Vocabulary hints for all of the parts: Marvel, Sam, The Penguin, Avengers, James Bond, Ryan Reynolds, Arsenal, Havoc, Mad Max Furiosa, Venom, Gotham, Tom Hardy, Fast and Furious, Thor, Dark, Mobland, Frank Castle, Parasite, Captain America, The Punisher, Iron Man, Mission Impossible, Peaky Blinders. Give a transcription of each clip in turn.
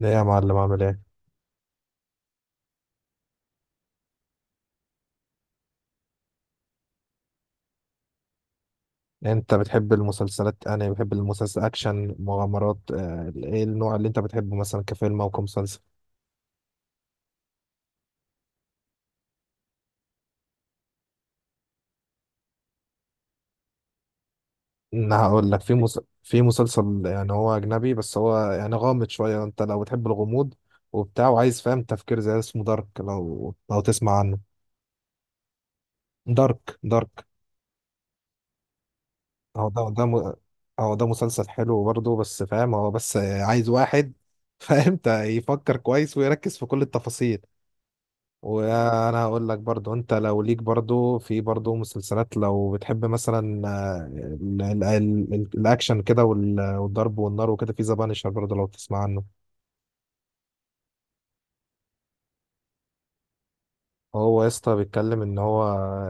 لا يا معلم، عامل ايه؟ انت بتحب المسلسلات؟ انا بحب المسلسل اكشن مغامرات. ايه النوع اللي انت بتحبه مثلا كفيلم او كمسلسل؟ انا هقول لك في مسلسل، يعني هو اجنبي بس هو يعني غامض شويه. انت لو بتحب الغموض وبتاع وعايز فاهم تفكير زي ده، اسمه دارك. لو تسمع عنه. دارك دارك. هو ده ده م... هو ده مسلسل حلو برضه، بس فاهم، هو بس عايز واحد فاهم يفكر كويس ويركز في كل التفاصيل. وانا هقول لك برضو، انت لو ليك برضو في برضو مسلسلات، لو بتحب مثلا الاكشن كده والضرب والنار وكده، في ذا بانشر برضو لو تسمع عنه. هو يا اسطى بيتكلم ان هو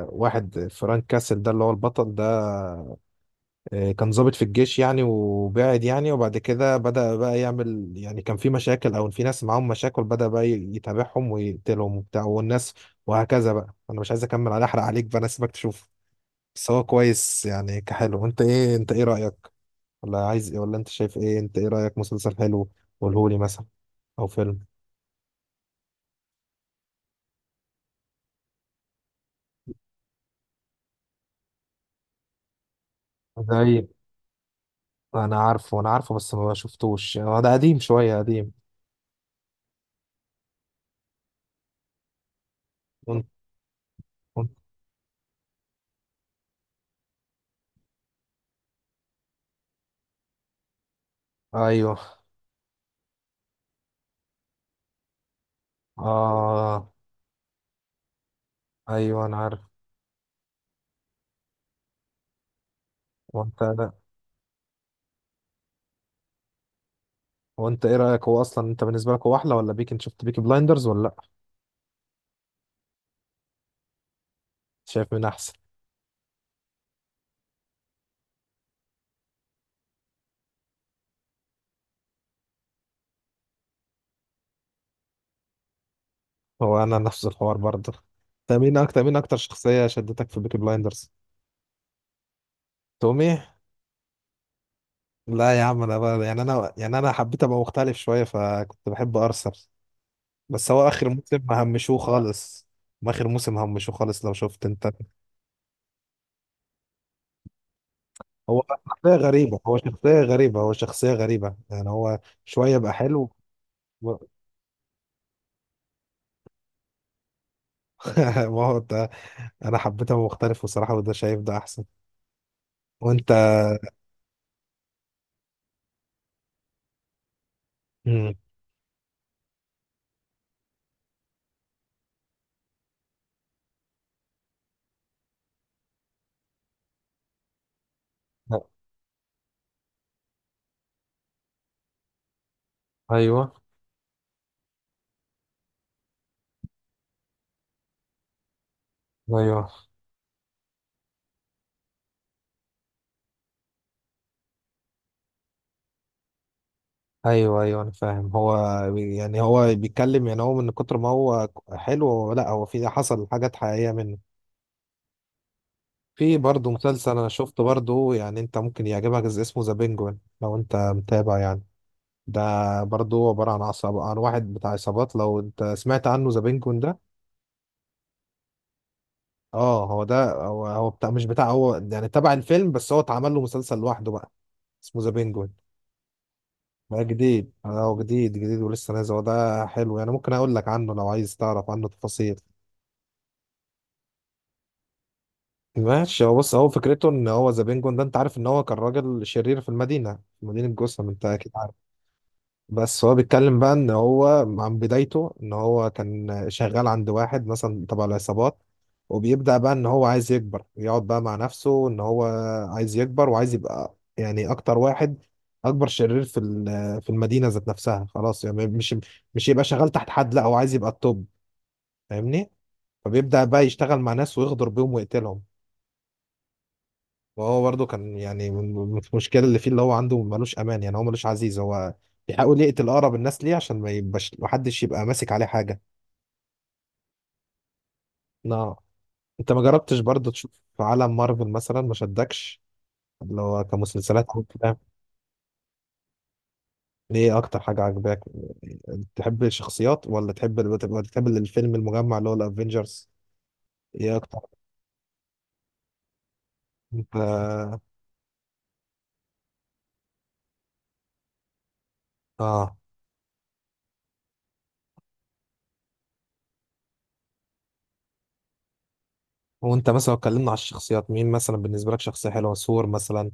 واحد فرانك كاسل ده اللي هو البطل ده. كان ضابط في الجيش يعني، وبعد كده بدأ بقى يعمل، يعني كان في مشاكل او في ناس معاهم مشاكل، بدأ بقى يتابعهم ويقتلهم وبتاع والناس، وهكذا بقى. انا مش عايز اكمل، على احرق عليك بقى، انا سيبك تشوف. بس هو كويس يعني كحلو. انت ايه، انت ايه رأيك؟ ولا عايز ايه؟ ولا انت شايف ايه؟ انت ايه رأيك؟ مسلسل حلو، قولهولي مثلا، او فيلم. زي، انا عارفه انا عارفه، بس ما شفتوش، هو ده قديم شوية قديم. وانت؟ وانت؟ ايوه. اه. ايوه انا عارف. وانت؟ لا، وانت ايه رأيك؟ هو اصلا انت بالنسبة لك هو احلى ولا بيك؟ انت شفت بيكي بلايندرز ولا لا؟ شايف مين احسن؟ هو انا نفس الحوار برضه. انت مين اكتر، مين اكتر شخصية شدتك في بيكي بلايندرز؟ تومي؟ لا يا عم، انا بقى يعني، انا حبيت ابقى مختلف شويه فكنت بحب ارسنال. بس هو اخر موسم همشوه خالص. ما اخر موسم همشوه خالص لو شفت انت. هو شخصيه غريبه، هو شخصيه غريبه يعني، هو شويه بقى حلو. و- ما هو ده. انا حبيت ابقى مختلف بصراحه، وده شايف ده احسن. وانت؟ مم. ايوه ايوه، ايوه ايوه انا فاهم. هو يعني هو بيتكلم، يعني هو من كتر ما هو حلو، هو لا هو في، حصل حاجات حقيقيه منه. في برضه مسلسل انا شفته برضه، يعني انت ممكن يعجبك، اسمه ذا بينجوين لو انت متابع يعني. ده برضه عبارة عن عصب، عن واحد بتاع عصابات، لو انت سمعت عنه، ذا بينجوين ده. اه هو ده، هو بتاع، مش بتاع، هو يعني تبع الفيلم، بس هو اتعمل له مسلسل لوحده بقى، اسمه ذا بينجوين. ده جديد، اه جديد جديد ولسه نازل. هو ده حلو يعني، ممكن اقول لك عنه لو عايز تعرف عنه تفاصيل. ماشي، هو بص، هو فكرته ان هو ذا بينجوين ده، انت عارف ان هو كان راجل شرير في المدينة، في مدينة جوثام، انت اكيد. بس هو بيتكلم بقى ان هو عن بدايته، ان هو كان شغال عند واحد مثلا تبع العصابات، وبيبدأ بقى ان هو عايز يكبر، يقعد بقى مع نفسه ان هو عايز يكبر وعايز يبقى يعني اكتر واحد، اكبر شرير في في المدينة ذات نفسها. خلاص يعني مش، مش يبقى شغال تحت حد، لا هو عايز يبقى التوب، فاهمني. فبيبدأ بقى يشتغل مع ناس ويغدر بيهم ويقتلهم. وهو برضه كان يعني المشكله اللي فيه اللي هو عنده، ملوش امان يعني، هو ملوش عزيز، هو بيحاول يقتل اقرب الناس ليه عشان ما يبقاش محدش يبقى ماسك عليه حاجه. لا. انت ما جربتش برضه تشوف في عالم مارفل مثلا؟ ما شدكش اللي هو كمسلسلات او افلام؟ ليه؟ اكتر حاجه عجباك، تحب الشخصيات ولا تحب، ولا تحب الفيلم المجمع اللي هو الافينجرز؟ ايه اكتر؟ انت. اه. وانت مثلا لو اتكلمنا على الشخصيات، مين مثلا بالنسبه لك شخصيه حلوه؟ ثور مثلا،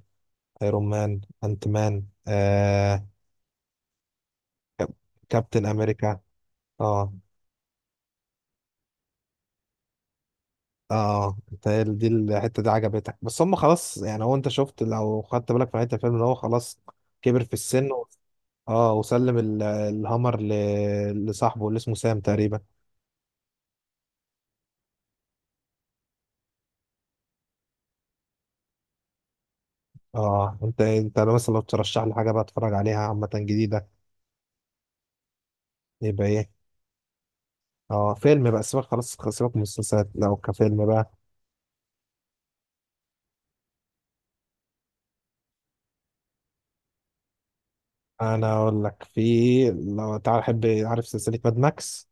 ايرون مان، انت مان، آه، كاب- كابتن امريكا. اه. اه انت دي الحته دي عجبتك، بس هم خلاص يعني، هو انت شفت لو خدت بالك في نهايه الفيلم ان هو خلاص كبر في السن و... اه وسلم الهامر ل... لصاحبه اللي اسمه سام تقريبا. اه انت، انت لو مثلا لو ترشح لي حاجه بقى اتفرج عليها عامه جديده، يبقى ايه؟ اه فيلم بقى، سيبك خلاص سيبك من المسلسلات، لو كفيلم بقى. انا اقول لك، في لو تعال، احب عارف سلسله ماد ماكس؟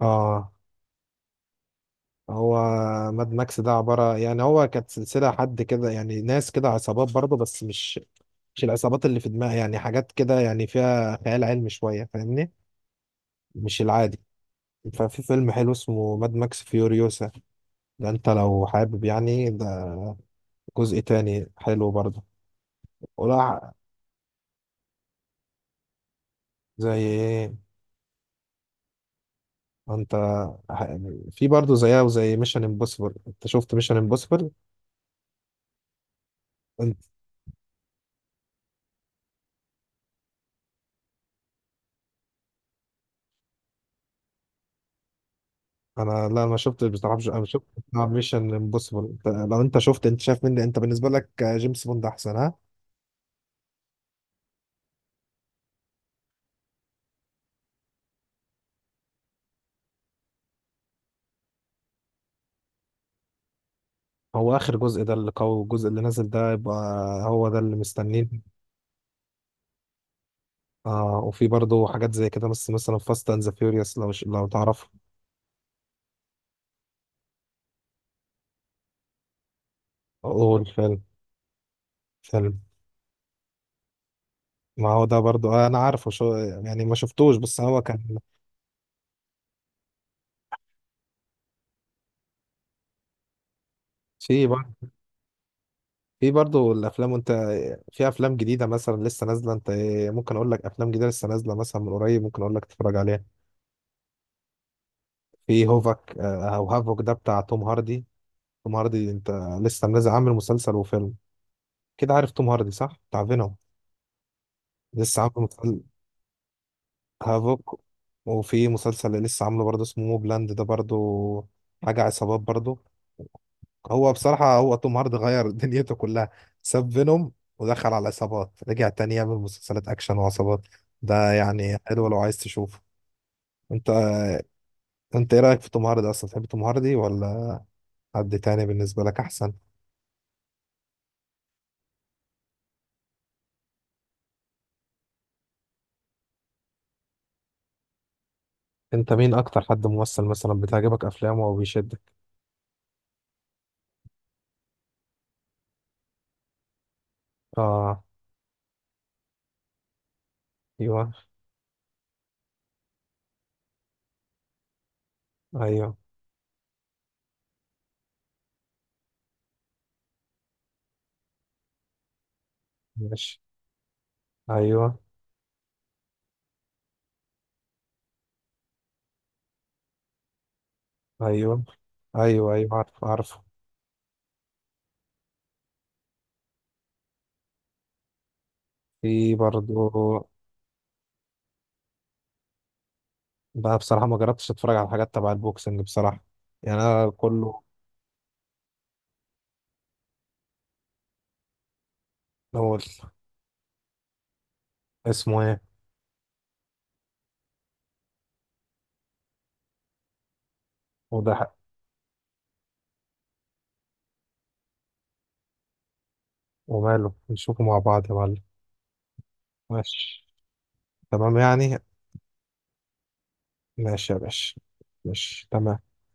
اه. هو ماد ماكس ده عبارة يعني، هو كانت سلسلة حد كده، يعني ناس كده عصابات برضه، بس مش مش العصابات اللي في دماغي، يعني حاجات كده يعني فيها خيال علمي شوية، فاهمني، مش العادي. ففي فيلم حلو اسمه ماد ماكس فيوريوسا، ده انت لو حابب يعني، ده جزء تاني حلو برضه. ولا زي ايه؟ انت ح- في برضه زيها، وزي ميشن امبوسيبل. انت شفت ميشن امبوسيبل؟ انا لا ما شفتش بصراحه، مش، انا شفت بتاع ميشن امبوسيبل. لو انت شفت، انت شايف مني، انت بالنسبه لك جيمس بوند احسن، ها؟ هو اخر جزء ده اللي قوي، الجزء اللي نازل ده يبقى هو ده اللي مستنين. آه، وفي برضه حاجات زي كده، بس مثلا فاست اند ذا فيوريوس، لو تعرفه. هو الفيلم، فيلم، ما هو ده برضه آه انا عارفه، شو يعني، ما شفتوش، بس هو كان. في برضه، في برضه الافلام، وانت، في افلام جديده مثلا لسه نازله. انت ممكن اقول لك افلام جديده لسه نازله مثلا من قريب، ممكن اقول لك تتفرج عليها. في هوفك او هافوك، ده بتاع توم هاردي. توم هاردي انت، لسه منزل، عامل مسلسل وفيلم كده. عارف توم هاردي صح، بتاع فينوم؟ لسه عامل مسلسل هافوك، وفي مسلسل اللي لسه عامله برضه اسمه موبلاند، ده برضه حاجة عصابات برضه. هو بصراحة، هو توم هاردي غير دنيته كلها، ساب فينوم ودخل على عصابات، رجع تاني يعمل مسلسلات أكشن وعصابات. ده يعني حلو لو عايز تشوفه. انت، انت ايه رأيك في توم هاردي اصلا؟ تحب توم هاردي ولا حد تاني بالنسبة لك احسن؟ انت مين اكتر حد ممثل مثلا بتعجبك افلامه او بيشدك؟ اه. ايوه. ايوه. ماشي. ايوه. ايوه ايوه، ايوه عارف عارف. في برضو. بقى بصراحة ما جربتش اتفرج على حاجات تبع البوكسنج بصراحة، يعني انا كله. اول، اسمه ايه؟ وده حق. وماله نشوفه مع بعض يا معلم. ماشي تمام يعني. ماشي يا باشا، ماشي تمام.